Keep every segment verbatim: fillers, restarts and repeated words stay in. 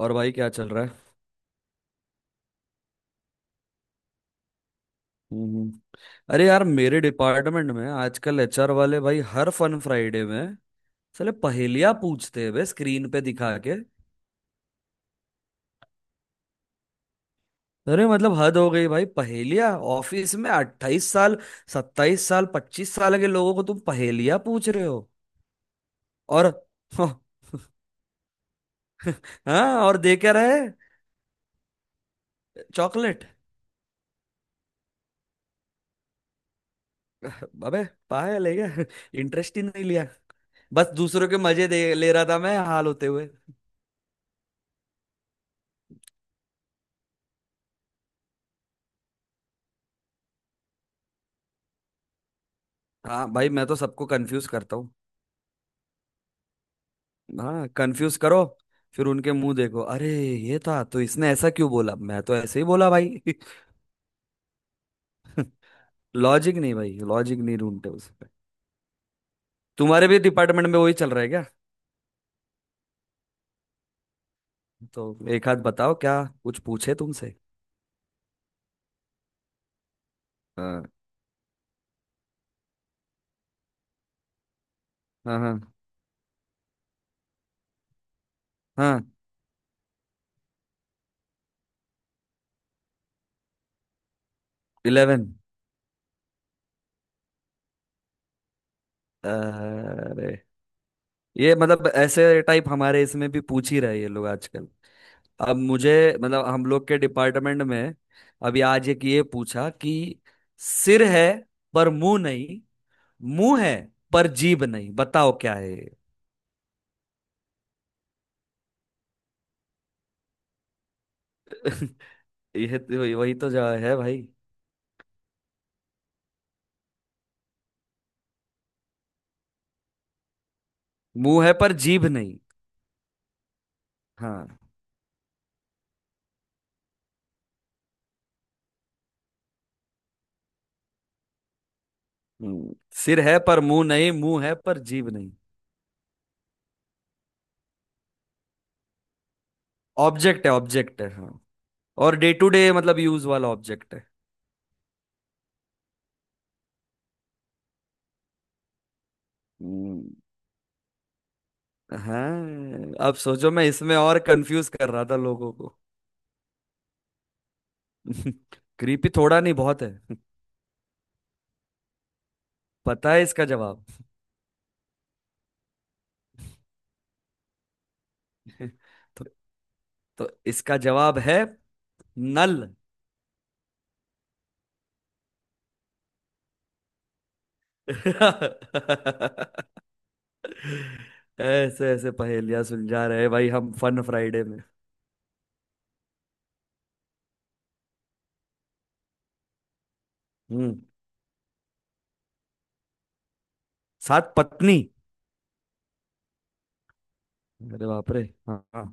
और भाई, क्या चल रहा है। हम्म हम्म। अरे यार, मेरे डिपार्टमेंट में आजकल एचआर वाले भाई हर फन फ्राइडे में साले पहेलियां पूछते हैं बे, स्क्रीन पे दिखा के। अरे मतलब हद हो गई भाई, पहेलियां ऑफिस में। अट्ठाईस साल, सत्ताईस साल, पच्चीस साल के लोगों को तुम पहेलियां पूछ रहे हो। और हाँ, और दे क्या रहे। चॉकलेट। अबे, पायल है क्या। इंटरेस्ट ही नहीं लिया। बस दूसरों के मजे दे ले रहा था मैं, हाल होते हुए। हाँ भाई, मैं तो सबको कंफ्यूज करता हूँ। हाँ, कंफ्यूज करो। फिर उनके मुंह देखो, अरे ये था तो इसने ऐसा क्यों बोला, मैं तो ऐसे ही बोला भाई। लॉजिक नहीं भाई, लॉजिक नहीं ढूंढते उस पे। तुम्हारे भी डिपार्टमेंट में वही चल रहा है क्या। तो एक हाथ बताओ, क्या कुछ पूछे तुमसे। हाँ हाँ हाँ हाँ। इलेवन। अरे ये, मतलब ऐसे टाइप हमारे इसमें भी पूछ ही रहे ये लोग आजकल। अब मुझे, मतलब हम लोग के डिपार्टमेंट में, अभी आज एक ये पूछा कि सिर है पर मुंह नहीं, मुंह है पर जीभ नहीं। बताओ क्या है ये। यह तो- वही वही तो जवाब है भाई। मुंह है पर जीभ नहीं। हाँ। हम्म, सिर है पर मुंह नहीं, मुंह है पर जीभ नहीं। ऑब्जेक्ट है, ऑब्जेक्ट है, हाँ। और डे टू डे मतलब यूज वाला ऑब्जेक्ट है। हम्म, हाँ। अब सोचो, मैं इसमें और कंफ्यूज कर रहा था लोगों को। क्रीपी थोड़ा नहीं बहुत है। पता है इसका जवाब। तो, तो इसका जवाब है नल। ऐसे ऐसे पहेलियां सुलझा रहे भाई, हम फन फ्राइडे में। हम्म। सात पत्नी। अरे बाप रे। हाँ हाँ।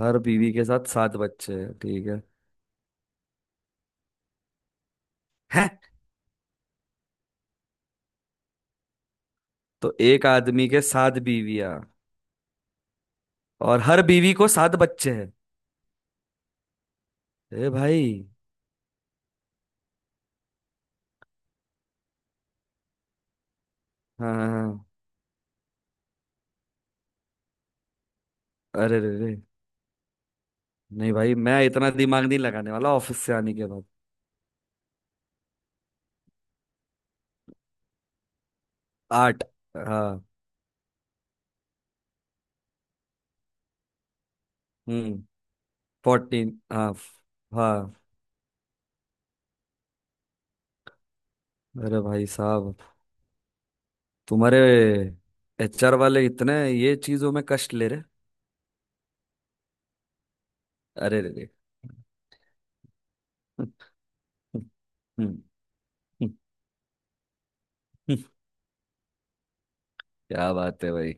हर बीवी के साथ सात बच्चे हैं, ठीक है। हैं। तो एक आदमी के सात बीवियां, और हर बीवी को सात बच्चे हैं। ए भाई। हाँ हाँ हाँ। अरे रे रे, नहीं भाई मैं इतना दिमाग नहीं लगाने वाला ऑफिस से आने के बाद। आठ, हाँ। हम्म। फोर्टीन, हाँ, फ- हाँ अरे भाई साहब, तुम्हारे एचआर वाले इतने ये चीजों में कष्ट ले रहे। अरे रे रे। क्या बात है भाई,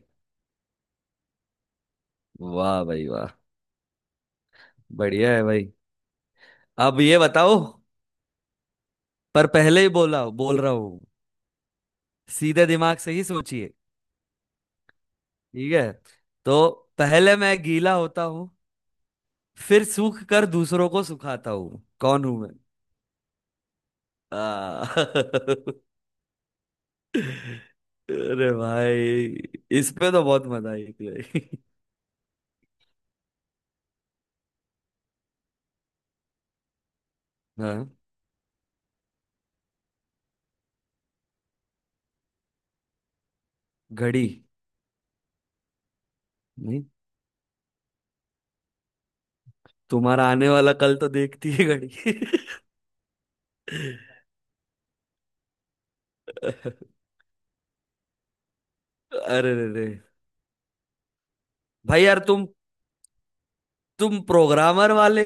वाह भाई वाह, बढ़िया है भाई। अब ये बताओ, पर पहले ही बोला, बोल रहा हूँ, सीधे दिमाग से ही सोचिए। ठीक है। तो, पहले मैं गीला होता हूँ, फिर सूख कर दूसरों को सुखाता हूँ। कौन हूं मैं। आ, अरे भाई, इस पे तो बहुत मजा आई थी भाई। हाँ। घड़ी। नहीं, तुम्हारा आने वाला कल तो देखती है घड़ी। अरे रे रे, भाई यार तुम, तुम प्रोग्रामर वाले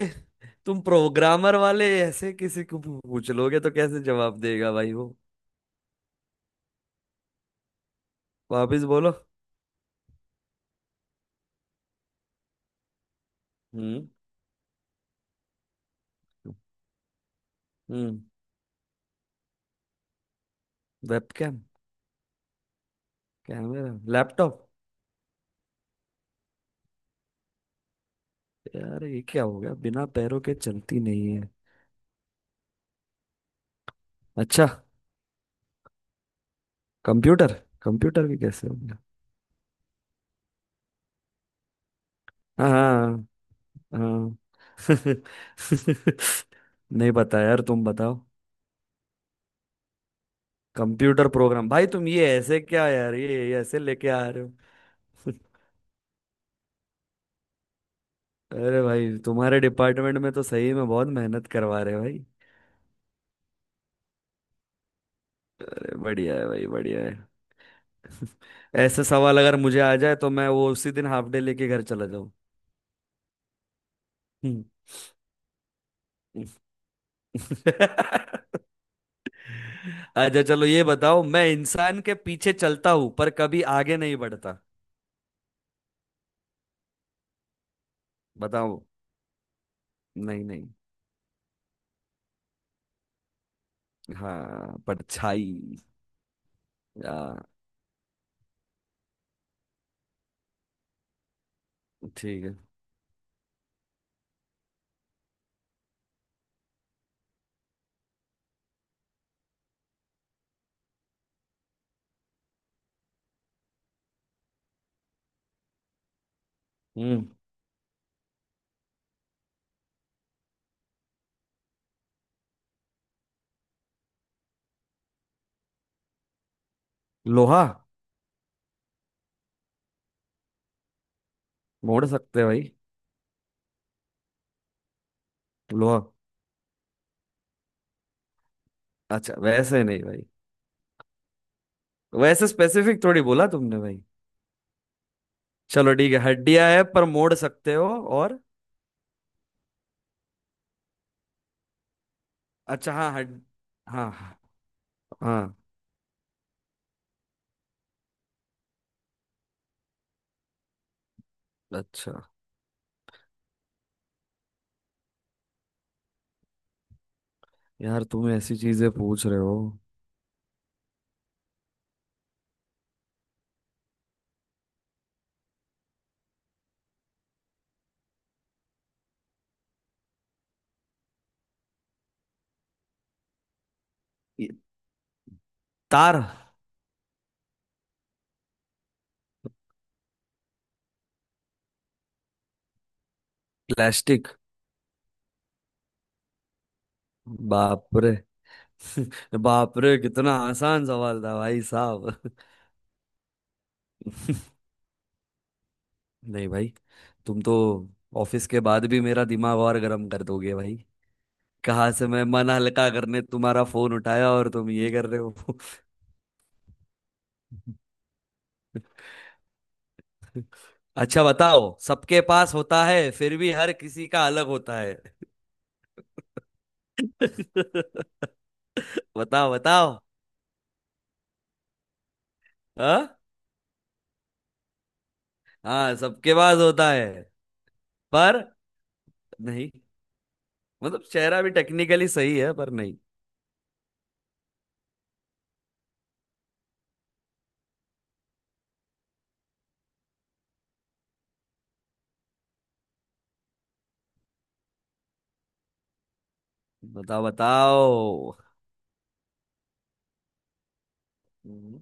तुम प्रोग्रामर वाले ऐसे किसी को पू- पूछ लोगे तो कैसे जवाब देगा भाई वो। वापिस बोलो। हम्म हम्म। Webcam, camera, laptop. यार ये क्या हो गया, बिना पैरों के चलती नहीं है। अच्छा। कंप्यूटर। कंप्यूटर भी कैसे हो गया। हाँ हाँ हाँ। नहीं पता यार, तुम बताओ। Computer program? भाई तुम ये ऐसे क्या यार, ये ये ऐसे लेके आ रहे हो। अरे भाई, तुम्हारे डिपार्टमेंट में तो सही में बहुत मेहनत करवा रहे हैं भाई। तो बढ़िया है भाई, बढ़िया है। ऐसे सवाल अगर मुझे आ जाए तो मैं वो उसी दिन हाफ डे लेके घर चला जाऊं। हम्म। अच्छा चलो, ये बताओ, मैं इंसान के पीछे चलता हूं पर कभी आगे नहीं बढ़ता। बताओ। नहीं नहीं। हाँ, परछाई। आ, ठीक है। हम्म। लोहा। मोड़ सकते हैं भाई। लोहा। अच्छा, वैसे नहीं भाई, वैसे स्पेसिफिक थोड़ी बोला तुमने भाई। चलो ठीक है, हड्डियां है पर मोड़ सकते हो। और, अच्छा हाँ, हड हाँ हाँ हाँ। अच्छा। यार तुम ऐसी चीजें पूछ रहे हो। ये- तार। प्लास्टिक। बाप रे। बाप रे, कितना आसान सवाल था भाई साहब। नहीं भाई, तुम तो ऑफिस के बाद भी मेरा दिमाग और गर्म कर दोगे भाई। कहाँ से मैं मन हल्का करने तुम्हारा फोन उठाया और तुम ये कर रहे हो। अच्छा बताओ, सबके पास होता है फिर भी हर किसी का अलग होता है। बताओ बताओ। हाँ। हाँ, सबके पास होता है। पर नहीं, मतलब चेहरा भी टेक्निकली सही है पर नहीं। बताओ बताओ। हम्म।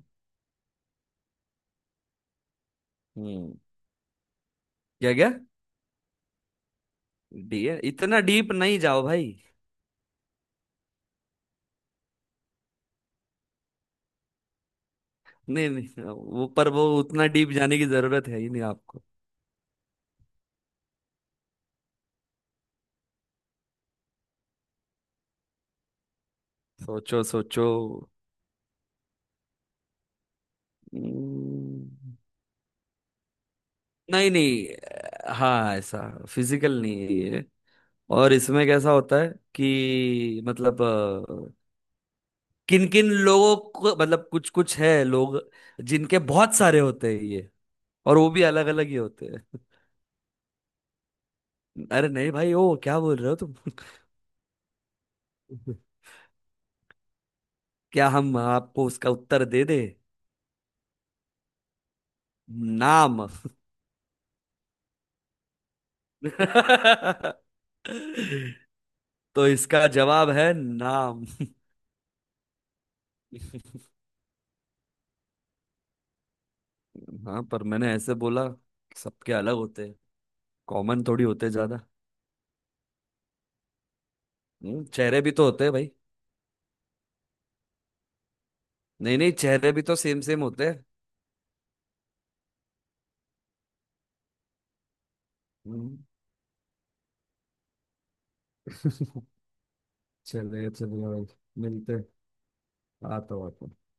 हम्म। क्या क्या। डी, है इतना डीप नहीं जाओ भाई। नहीं नहीं, वो पर वो उतना डीप जाने की जरूरत है ही नहीं आपको। सोचो सोचो। हम्म। नहीं नहीं, अ, हाँ ऐसा, फिजिकल नहीं है ये। और इसमें कैसा होता है कि मतलब, किन किन लोगों को मतलब कुछ कुछ है लोग, जिनके बहुत सारे होते हैं ये, और वो भी अलग अलग ही होते हैं। अरे नहीं भाई, ओ क्या बोल रहे हो तुम। क्या हम आपको उसका उत्तर दे दे। नाम। तो इसका जवाब है नाम। हाँ, पर मैंने ऐसे बोला सबके अलग होते हैं, कॉमन थोड़ी होते ज्यादा। हम्म, चेहरे भी तो होते हैं भाई। नहीं नहीं, चेहरे भी तो सेम सेम होते हैं। हम्म। चलिए चलिए भाई, मिलते हैं। आता हूँ आता हूँ।